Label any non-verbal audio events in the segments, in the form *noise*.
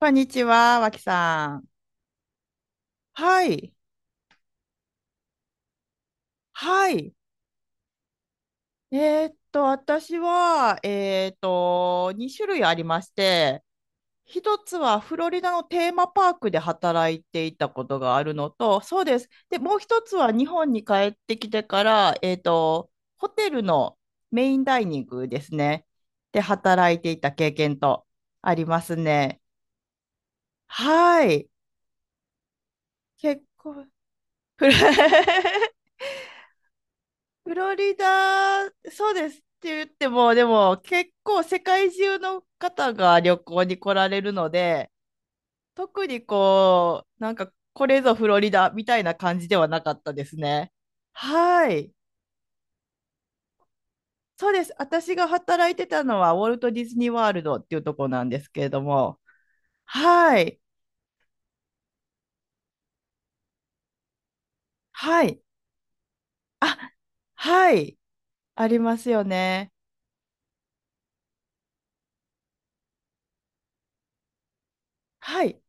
こんにちは、わきさん。はい。はい。私は、2種類ありまして、一つはフロリダのテーマパークで働いていたことがあるのと、そうです。で、もう一つは日本に帰ってきてから、ホテルのメインダイニングですね。で、働いていた経験とありますね。はい。結構、フル *laughs* フロリダ、そうですって言っても、でも結構世界中の方が旅行に来られるので、特にこう、なんかこれぞフロリダみたいな感じではなかったですね。はい。そうです。私が働いてたのはウォルト・ディズニー・ワールドっていうとこなんですけれども。はい。はい。あ、はい。ありますよね。はい。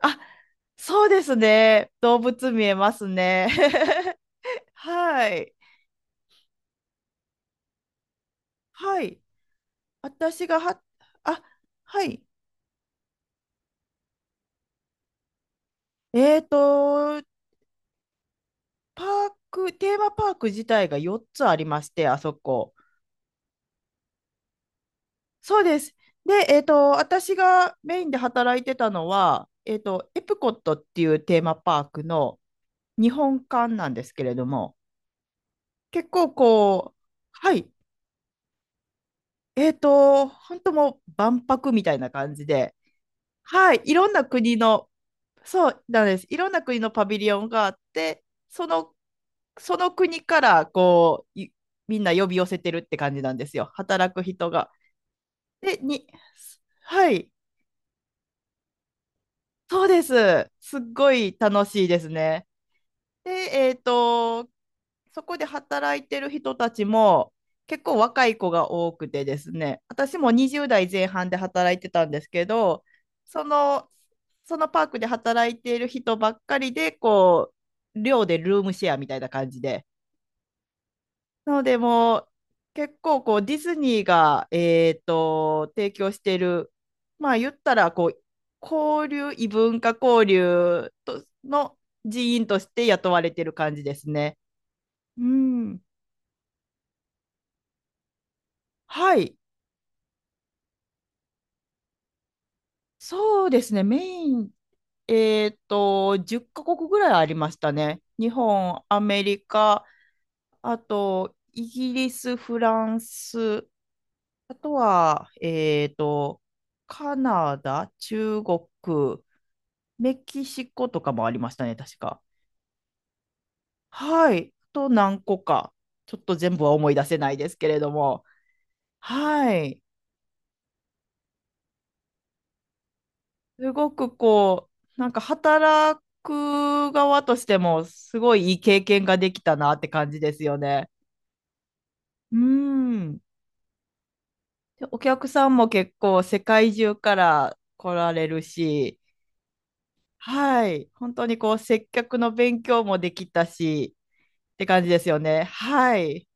あ、そうですね。動物見えますね。*laughs* はい。はい。私がは、あ、はい。えっと、パーク、テーマパーク自体が4つありまして、あそこ。そうです。で、えっと、私がメインで働いてたのは、えっと、エプコットっていうテーマパークの日本館なんですけれども、結構こう、はい。えっと、本当もう万博みたいな感じで、はい。いろんな国のそうなんです。いろんな国のパビリオンがあって、その、その国からこういみんな呼び寄せてるって感じなんですよ。働く人が。で、に、はい、そうです。すっごい楽しいですね。で、えっと、そこで働いてる人たちも結構若い子が多くてですね、私も20代前半で働いてたんですけど、その、そのパークで働いている人ばっかりで、こう、寮でルームシェアみたいな感じで。なので、もう結構こうディズニーが、えっと、提供している、まあ言ったらこう、交流、異文化交流との人員として雇われている感じですね。うん。はい。そうですね。メイン、えっと、10カ国ぐらいありましたね。日本、アメリカ、あと、イギリス、フランス、あとは、えっと、カナダ、中国、メキシコとかもありましたね、確か。はい。あと何個か。ちょっと全部は思い出せないですけれども。はい。すごくこう、なんか働く側としても、すごいいい経験ができたなって感じですよね。うん。で、お客さんも結構世界中から来られるし、はい。本当にこう、接客の勉強もできたし、って感じですよね。はい。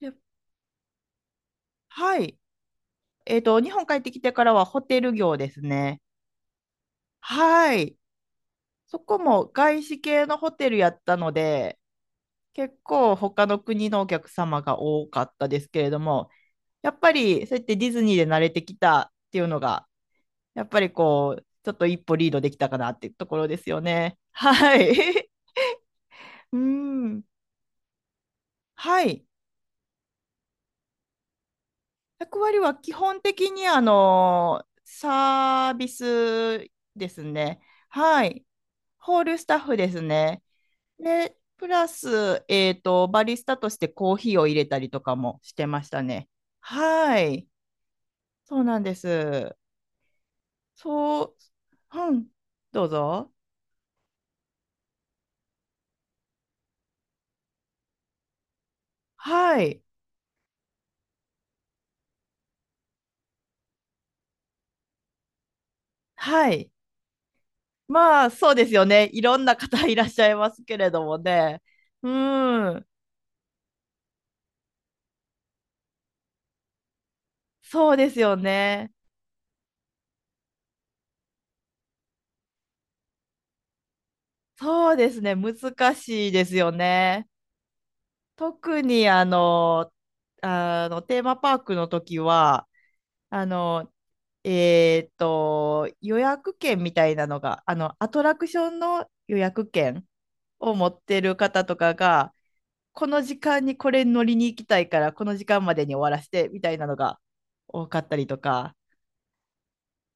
ではい。えっと、日本帰ってきてからはホテル業ですね。はい。そこも外資系のホテルやったので、結構他の国のお客様が多かったですけれども、やっぱりそうやってディズニーで慣れてきたっていうのが、やっぱりこう、ちょっと一歩リードできたかなっていうところですよね。はい。*laughs* うん。はい。役割は基本的にあの、サービスですね。はい。ホールスタッフですね。で、プラス、えっと、バリスタとしてコーヒーを入れたりとかもしてましたね。はい。そうなんです。そう、うん、どうぞ。はい、はい。まあ、そうですよね。いろんな方いらっしゃいますけれどもね。うん、そうですよね。そうですね。難しいですよね。特にあの、あの、テーマパークの時は、あの、予約券みたいなのが、あの、アトラクションの予約券を持ってる方とかが、この時間にこれ乗りに行きたいから、この時間までに終わらせてみたいなのが多かったりとか。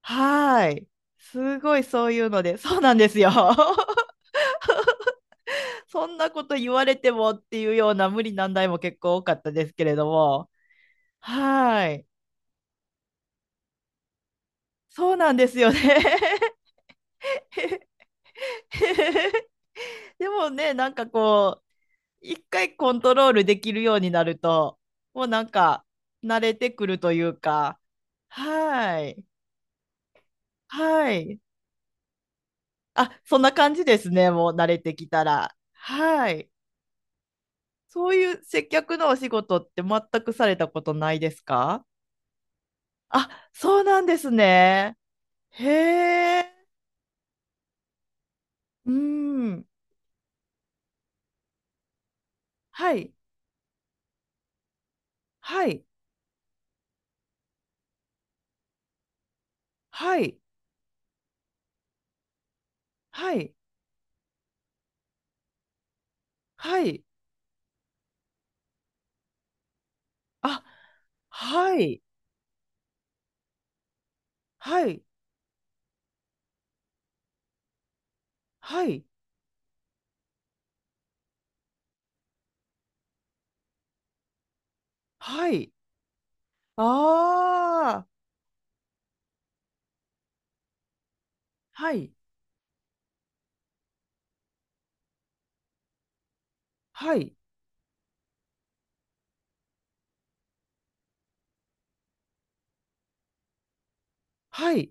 はーい。すごいそういうので、そうなんですよ。*laughs* そんなこと言われてもっていうような無理難題も結構多かったですけれども。はーい。そうなんですよね。*laughs* でもね、なんかこう、一回コントロールできるようになると、もうなんか慣れてくるというか。はーい。はーい。あ、そんな感じですね。もう慣れてきたら。はい。そういう接客のお仕事って全くされたことないですか？あ、そうなんですね。へえ。うん。はい。はい。はい。はい。はい。あ、はい。はい。はい。はい。ああ。はい。はい。はい。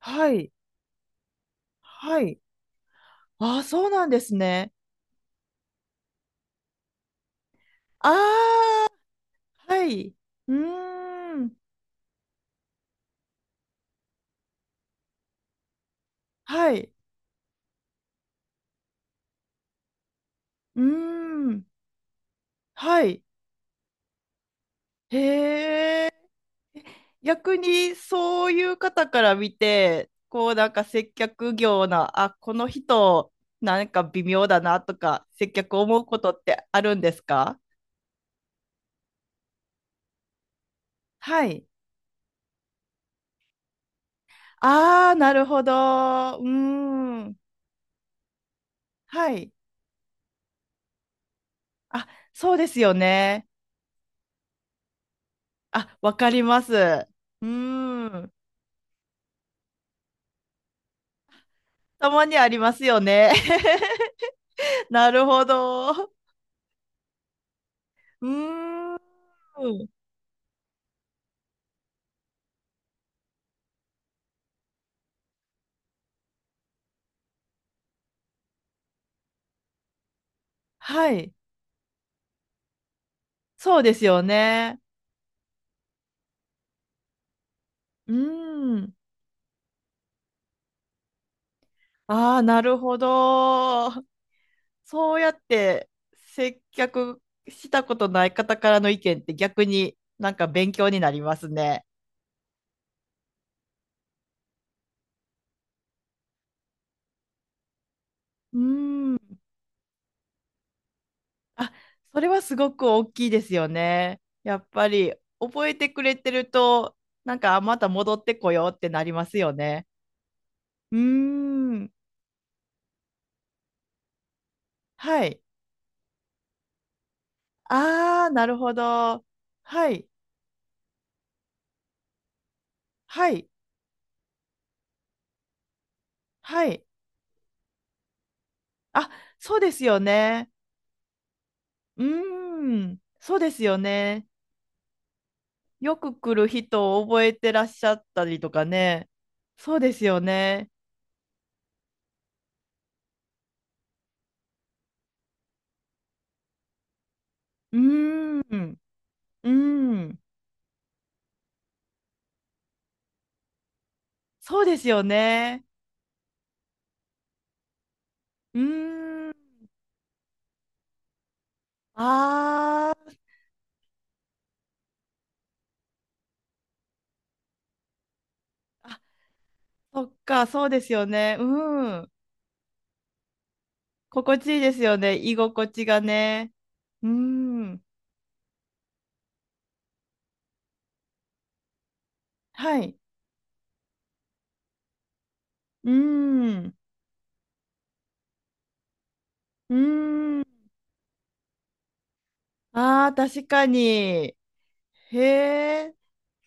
はい。はい。ああ、そうなんですね。ああ。はい。うーん。はい。うーん。はい。へえ。逆にそういう方から見て、こうなんか接客業な、あ、この人なんか微妙だなとか、接客思うことってあるんですか？はい。ああ、なるほど。うーん。はい。あ、そうですよね。あ、わかります。うーん。たまにありますよね。*laughs* なるほど。うーん。はい。そうですよね。うん。ああ、なるほど。そうやって接客したことない方からの意見って逆になんか勉強になりますね。うん。あ、それはすごく大きいですよね。やっぱり覚えてくれてると、なんかあまた戻ってこようってなりますよね。うーん。はい。ああ、なるほど。はい。はい。はい。あ、そうですよね。うーん、そうですよね。よく来る人を覚えてらっしゃったりとかね。そうですよね。うーん、うーん、そうですよね。うーん、あー、あ、そっか、そうですよね。うん、心地いいですよね。居心地がね。うーん、はい。うーん、うーん、あー、確かに。へえ、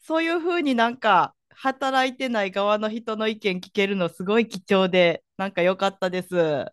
そういうふうになんか働いてない側の人の意見聞けるのすごい貴重で、なんか良かったです。